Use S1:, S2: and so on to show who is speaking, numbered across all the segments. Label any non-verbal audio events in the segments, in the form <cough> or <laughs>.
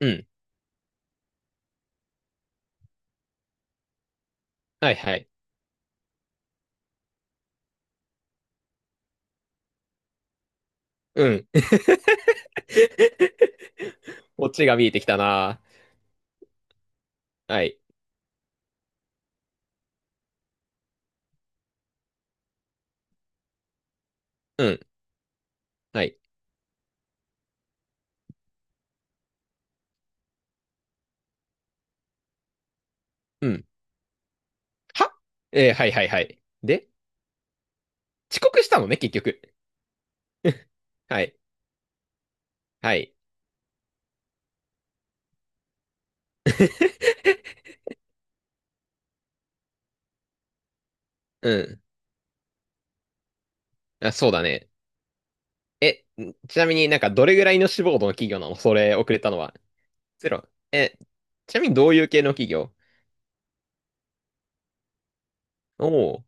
S1: うん。はいはい。うん。<laughs> オチが見えてきたな。はい。うん。はい。うん。はえー、はいはいはい。で、遅刻したのね、結局。はい。はい。<laughs> うん。あ、そうだね。ちなみに、なんかどれぐらいの志望度の企業なの？それ、遅れたのは？ゼロ。え、ちなみにどういう系の企業？おお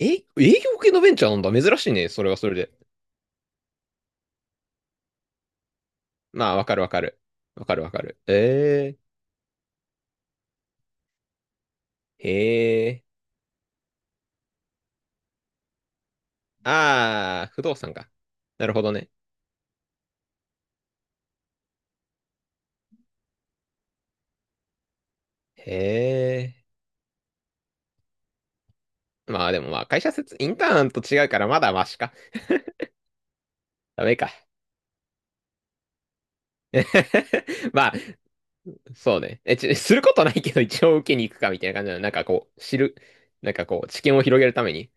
S1: ー。え、営業系のベンチャーなんだ。珍しいね。それはそれで。まあ、わかるわかる。わかるわかる。へえ。ああ、不動産か。なるほどね。へえ。まあでもまあ会社説、インターンと違うからまだマシか。ダメか。<laughs> まあ、そうね。え、することないけど一応受けに行くかみたいな感じなの？なんかこう、知る。なんかこう、知見を広げるために。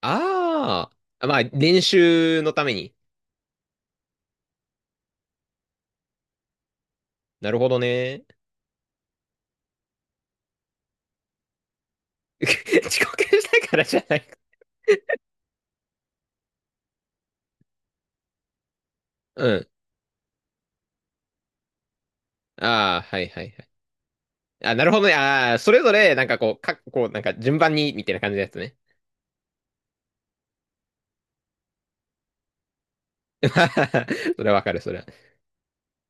S1: ああ。まあ、練習のために。なるほどね。<laughs> 遅刻したからじゃないか。うん。ああ、はいはいはい。あ、なるほどね。ああ、それぞれ、なんかこう、こう、なんか順番に、みたいな感じのやつね。<laughs> それはわかる、それは。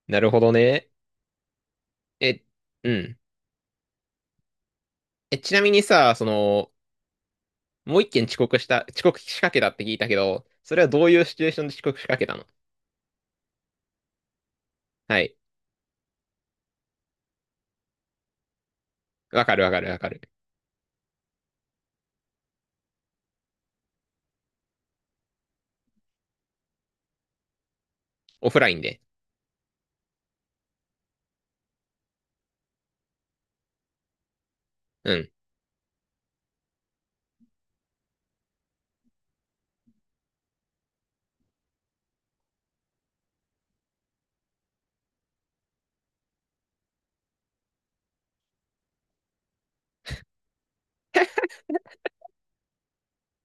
S1: なるほどね。え、うん。え、ちなみにさ、その、もう一件遅刻仕掛けたって聞いたけど、それはどういうシチュエーションで遅刻仕掛けたの？はい。わかるわかるわかる。オフラインで。うん。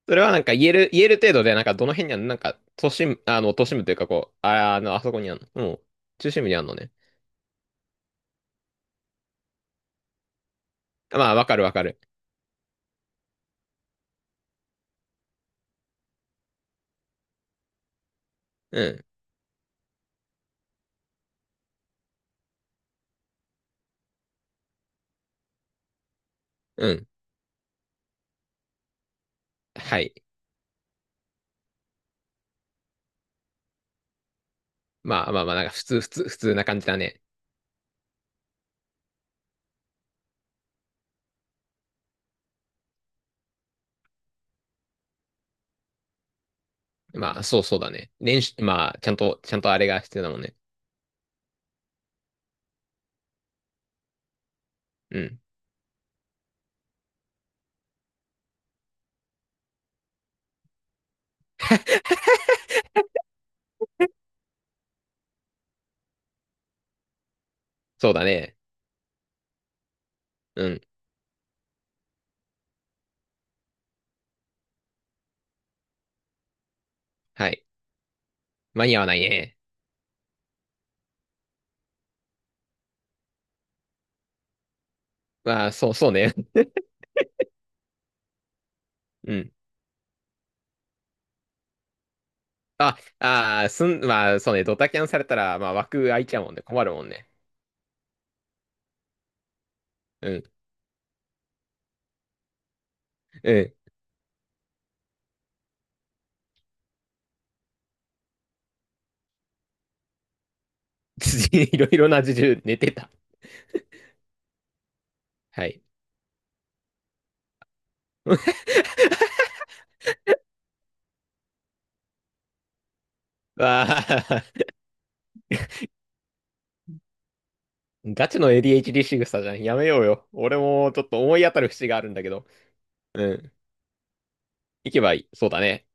S1: それはなんか言える、言える程度で、なんかどの辺にあるの？なんか、都心部というかこう、あそこにあるの。もうん、中心部にあるのね。まあ、わかるわかる。うん。うん。はい。まあまあまあ、なんか普通、普通、普通な感じだね。まあ、そうそうだね。練習、まあ、ちゃんとあれが必要だもんね。うん。そうだね。うん。はい。間に合わないね。まあ、そうね。<laughs> うん。<laughs> あ、まあ、そうね。ドタキャンされたら、まあ、枠空いちゃうもんね。困るもんね。うん、うん。<laughs> いろいろな事情寝てた。はい。<laughs> わあ、ガチの ADHD 仕草じゃん。やめようよ。俺もちょっと思い当たる節があるんだけど。うん。行けばいい。そうだね。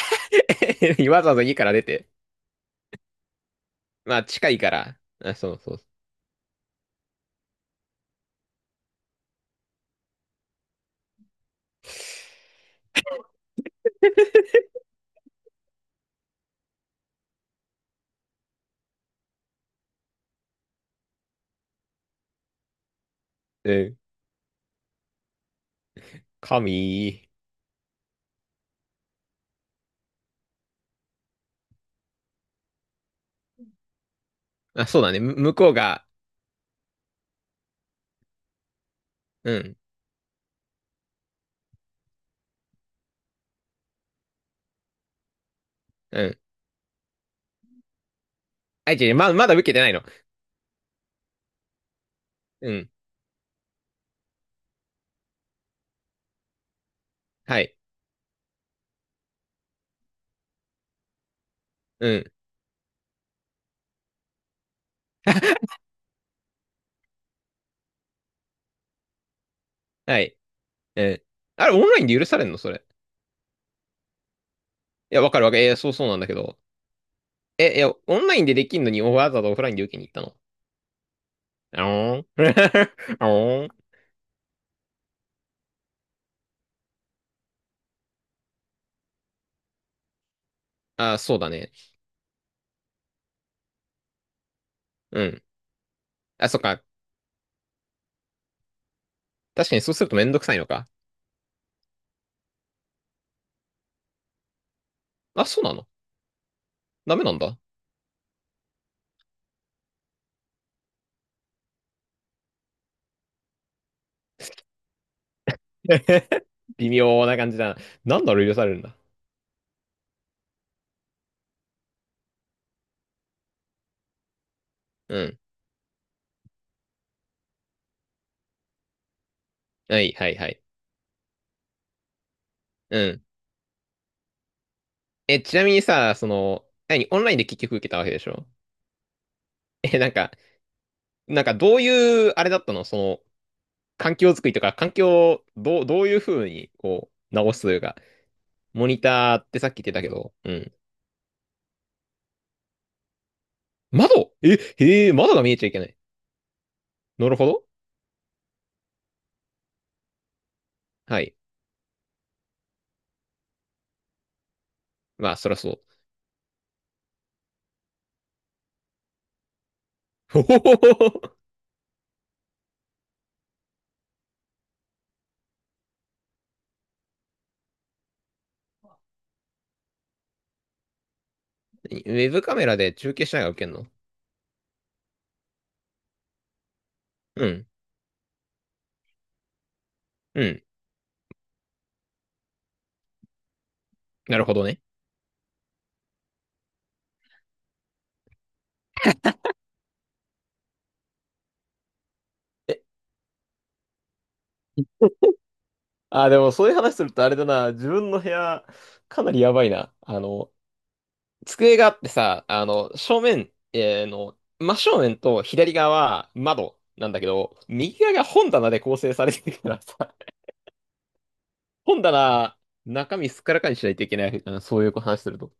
S1: <laughs> わざわざ家から出て。まあ、近いから。あ、そうそう。うん。神。あ、そうだね。向こうが。うん。うん。あ、違う、ま、まだ受けてないの？うん。はい。うん。はい。うん。あれ、オンラインで許されんのそれ？いや、わかるわかる。そうそうなんだけど。え、いや、オンラインでできんのにわざわざオフラインで受けに行ったの？あおん <laughs> あおんあ、そうだね。うん。あ、そっか。確かにそうするとめんどくさいのか。あ、そうなの？ダメなんだ。<laughs> 微妙な感じだな。なんだろう、許されるんだ。うん。はい、はい、はい。うん。え、ちなみにさ、その、何、オンラインで結局受けたわけでしょ？え、なんか、どういう、あれだったのその、環境づくりとか、環境をどういうふうに、こう、直すというか、モニターってさっき言ってたけど、うん。窓え、へえ、窓が見えちゃいけない。なるほど。はい。まあ、そりゃそう。<laughs> ほほほほウェブカメラで中継しながら受けんの？うん。うん。なるほどね。え、あ、でもそういう話するとあれだな、自分の部屋、かなりやばいな。あの、机があってさ、あの、正面、えーの、真正面と左側は窓なんだけど、右側が本棚で構成されてるからさ、本棚、中身すっからかにしないといけない。あのそういう話すると。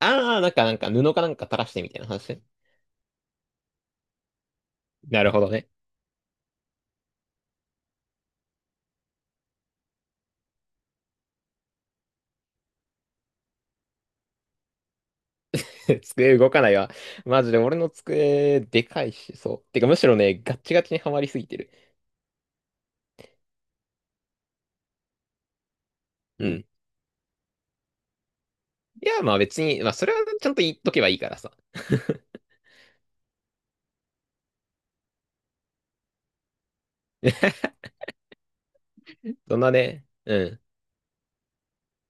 S1: ああ、なんか、布かなんか垂らしてみたいな話ね。なるほどね。<laughs> 机動かないわ。マジで俺の机、でかいし、そう。てか、むしろね、ガッチガチにはまりすぎてる。うん。いや、まあ別に、まあそれはちゃんと言っとけばいいからさ。<laughs> そんなね、うん。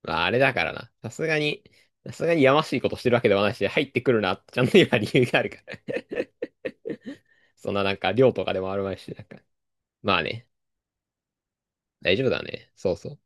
S1: まああれだからな。さすがに、さすがにやましいことしてるわけではないし、入ってくるなって、ちゃんと今理由があるから。<laughs> そんななんか、量とかでもあるまいし、なんか。まあね、大丈夫だね。そうそう。